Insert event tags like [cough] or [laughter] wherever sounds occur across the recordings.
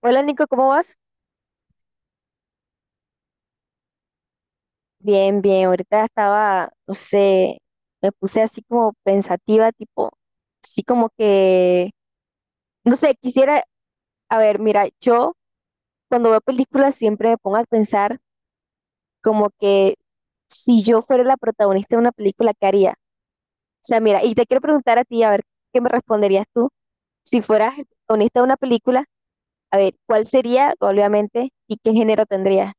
Hola Nico, ¿cómo vas? Bien, bien. Ahorita estaba, no sé, me puse así como pensativa, tipo, así como que, no sé, quisiera, a ver, mira, yo cuando veo películas siempre me pongo a pensar como que si yo fuera la protagonista de una película, ¿qué haría? O sea, mira, y te quiero preguntar a ti, a ver, ¿qué me responderías tú? Si fueras el protagonista de una película, a ver, ¿cuál sería, obviamente, y qué género tendría?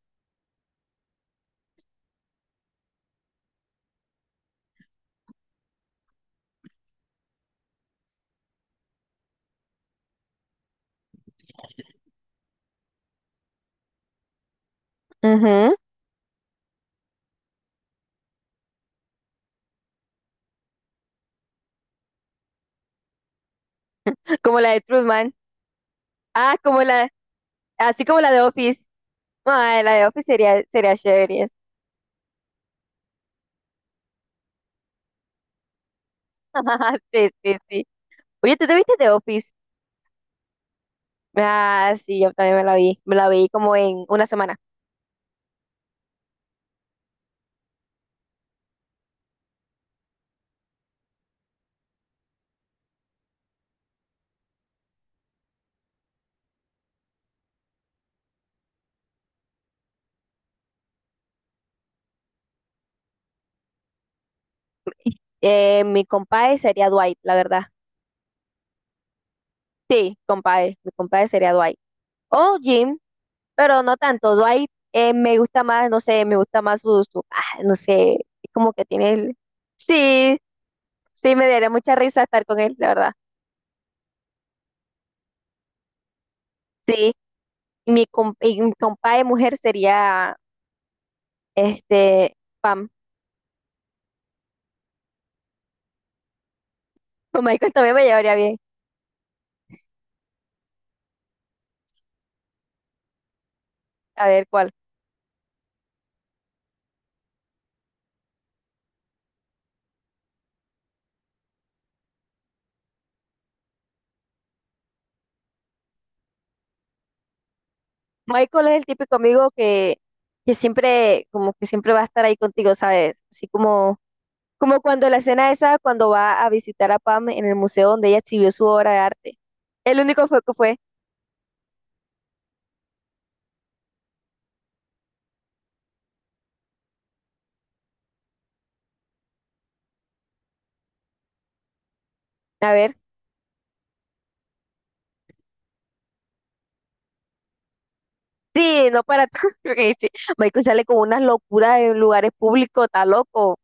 Ujú. Como la de Truman. Ah, como la, así como la de Office. Ay, la de Office sería, sería chévere. [laughs] Sí, sí, sí. Oye, ¿tú te viste de Office? Ah, sí, yo también me la vi. Me la vi como en una semana. Mi compadre sería Dwight, la verdad. Sí, compadre. Mi compadre sería Dwight. O Jim, pero no tanto. Dwight me gusta más, no sé, me gusta más ah, no sé, es como que tiene el... Sí, sí, me daría mucha risa estar con él, la verdad. Sí, y y mi compadre mujer sería, este, Pam. [laughs] Con Michael también me llevaría bien. A ver, ¿cuál? Michael es el típico amigo que siempre, como que siempre va a estar ahí contigo, ¿sabes? Así como, como cuando la escena esa, cuando va a visitar a Pam en el museo donde ella exhibió su obra de arte. El único fue que fue, a ver, sí, no para todo. [laughs] Porque sí, Michael sale con unas locuras en lugares públicos, está loco.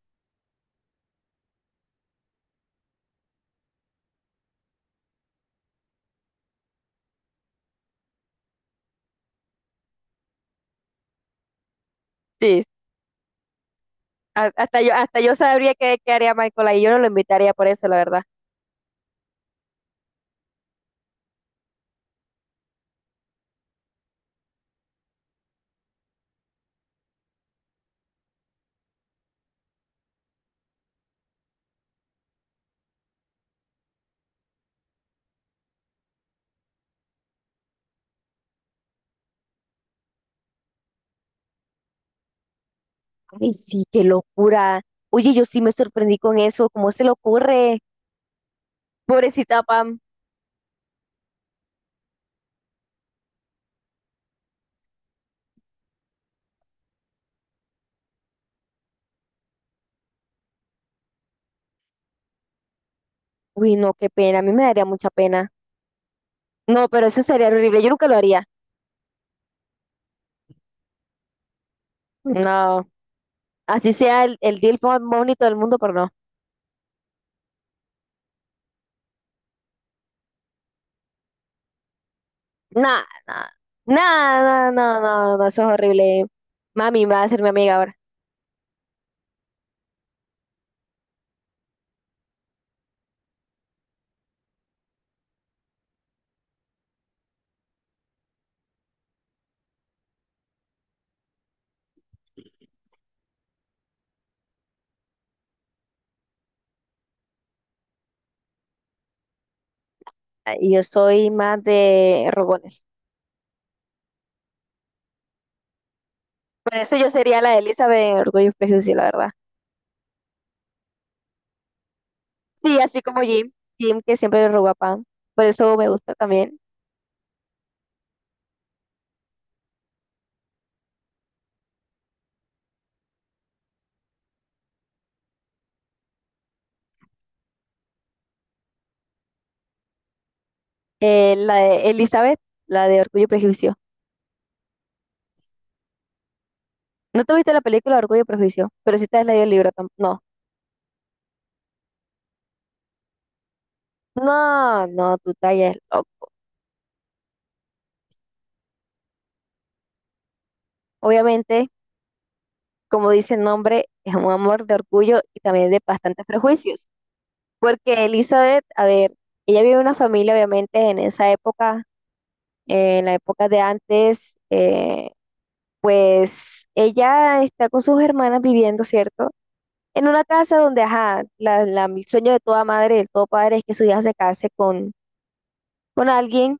Sí, hasta yo sabría qué, qué haría Michael ahí, yo no lo invitaría por eso, la verdad. Ay, sí, qué locura. Oye, yo sí me sorprendí con eso, ¿cómo se le ocurre? Pobrecita Pam. Uy, no, qué pena, a mí me daría mucha pena. No, pero eso sería horrible, yo nunca lo haría. No, así sea el deal más bonito del mundo, pero no. Nada, nada, nada, no, no, no, no, eso es horrible. Mami va a ser mi amiga ahora. Y yo soy más de rogones. Por eso yo sería la de Elizabeth en Orgullo y Prejuicio, la verdad. Sí, así como Jim, Jim que siempre le roba pan. Por eso me gusta también. La de Elizabeth, la de Orgullo y Prejuicio. ¿No te viste la película Orgullo y Prejuicio? Pero sí te has leído el libro. No. No, no, tú tallas loco. Obviamente, como dice el nombre, es un amor de orgullo y también de bastantes prejuicios. Porque Elizabeth, a ver, ella vive en una familia, obviamente, en esa época, en la época de antes, pues ella está con sus hermanas viviendo, ¿cierto? En una casa donde, ajá, el sueño de toda madre, de todo padre es que su hija se case con alguien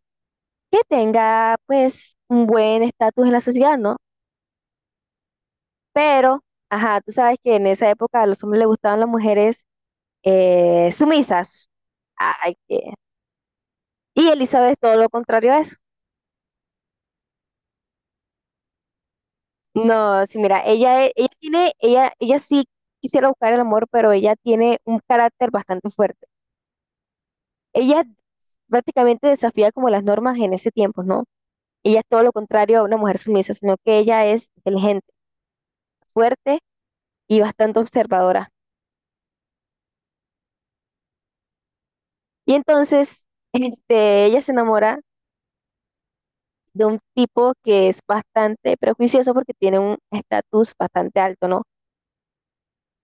que tenga, pues, un buen estatus en la sociedad, ¿no? Pero, ajá, tú sabes que en esa época a los hombres les gustaban las mujeres sumisas. Ay, qué- Y Elizabeth es todo lo contrario a eso. No, sí, mira, ella tiene, ella sí quisiera buscar el amor, pero ella tiene un carácter bastante fuerte. Ella prácticamente desafía como las normas en ese tiempo, ¿no? Ella es todo lo contrario a una mujer sumisa, sino que ella es inteligente, fuerte y bastante observadora. Y entonces, [laughs] este, ella se enamora de un tipo que es bastante prejuicioso porque tiene un estatus bastante alto, ¿no?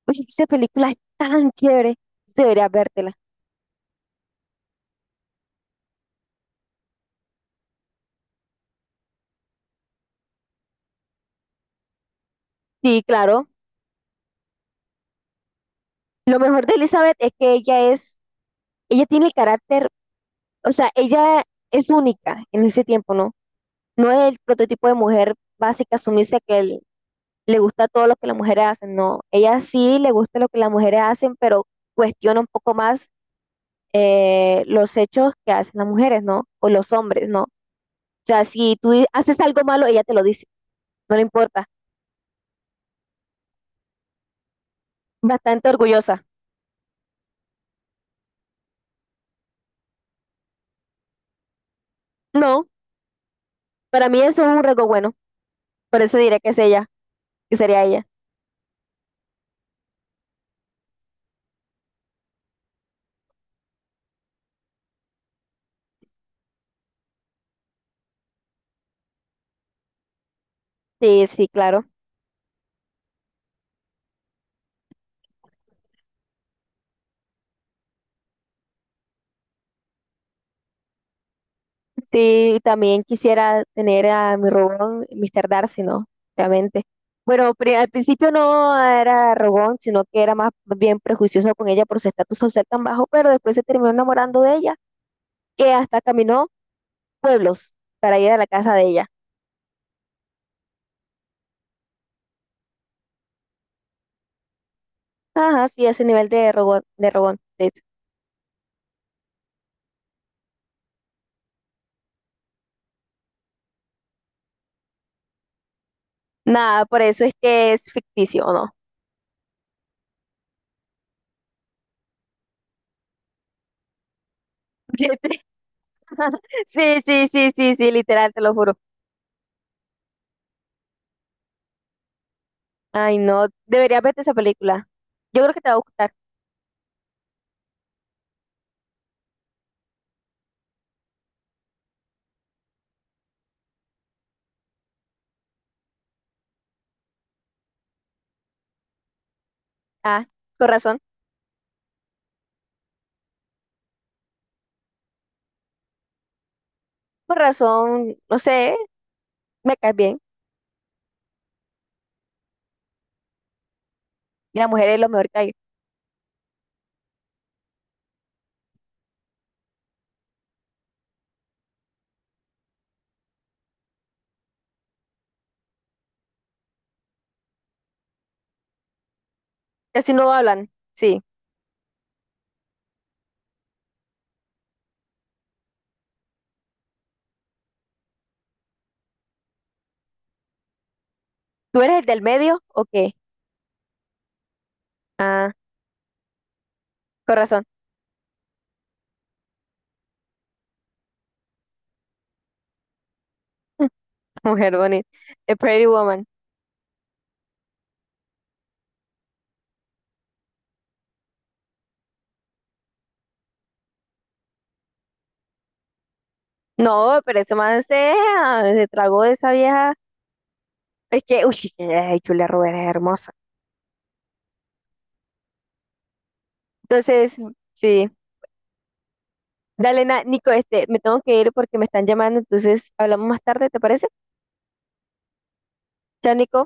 Oye, [laughs] esa película es tan chévere, deberías vértela. Sí, claro. Lo mejor de Elizabeth es que ella es, ella tiene el carácter, o sea, ella es única en ese tiempo, ¿no? No es el prototipo de mujer básica sumisa que le gusta todo lo que las mujeres hacen, no. Ella sí le gusta lo que las mujeres hacen, pero cuestiona un poco más los hechos que hacen las mujeres, ¿no? O los hombres, ¿no? O sea, si tú haces algo malo, ella te lo dice, no le importa. Bastante orgullosa. No, para mí eso es un rasgo bueno, por eso diré que es ella, que sería ella. Sí, sí, claro. Sí, también quisiera tener a mi robón, Mr. Darcy, ¿no? Obviamente. Bueno, al principio no era robón, sino que era más bien prejuicioso con ella por su estatus social tan bajo, pero después se terminó enamorando de ella, que hasta caminó pueblos para ir a la casa de ella. Ajá, sí, ese nivel de rogón, de rogón. Nada, por eso es que es ficticio, ¿o no? [laughs] Sí, sí, sí, sí, sí, literal, te lo juro. Ay, no, deberías verte esa película. Yo creo que te va a gustar. Ah, con razón, con razón, no sé, me caes bien. Y la mujer es lo mejor que hay. Casi no hablan, sí. ¿Tú eres el del medio o qué? Ah, con razón. [laughs] Mujer bonita. The Pretty Woman. No, pero ese man se, ah, se tragó de esa vieja. Es que, uy, ay, Julia Roberts es hermosa. Entonces, sí. Dale, Nico, este, me tengo que ir porque me están llamando, entonces hablamos más tarde, ¿te parece? Chao, Nico.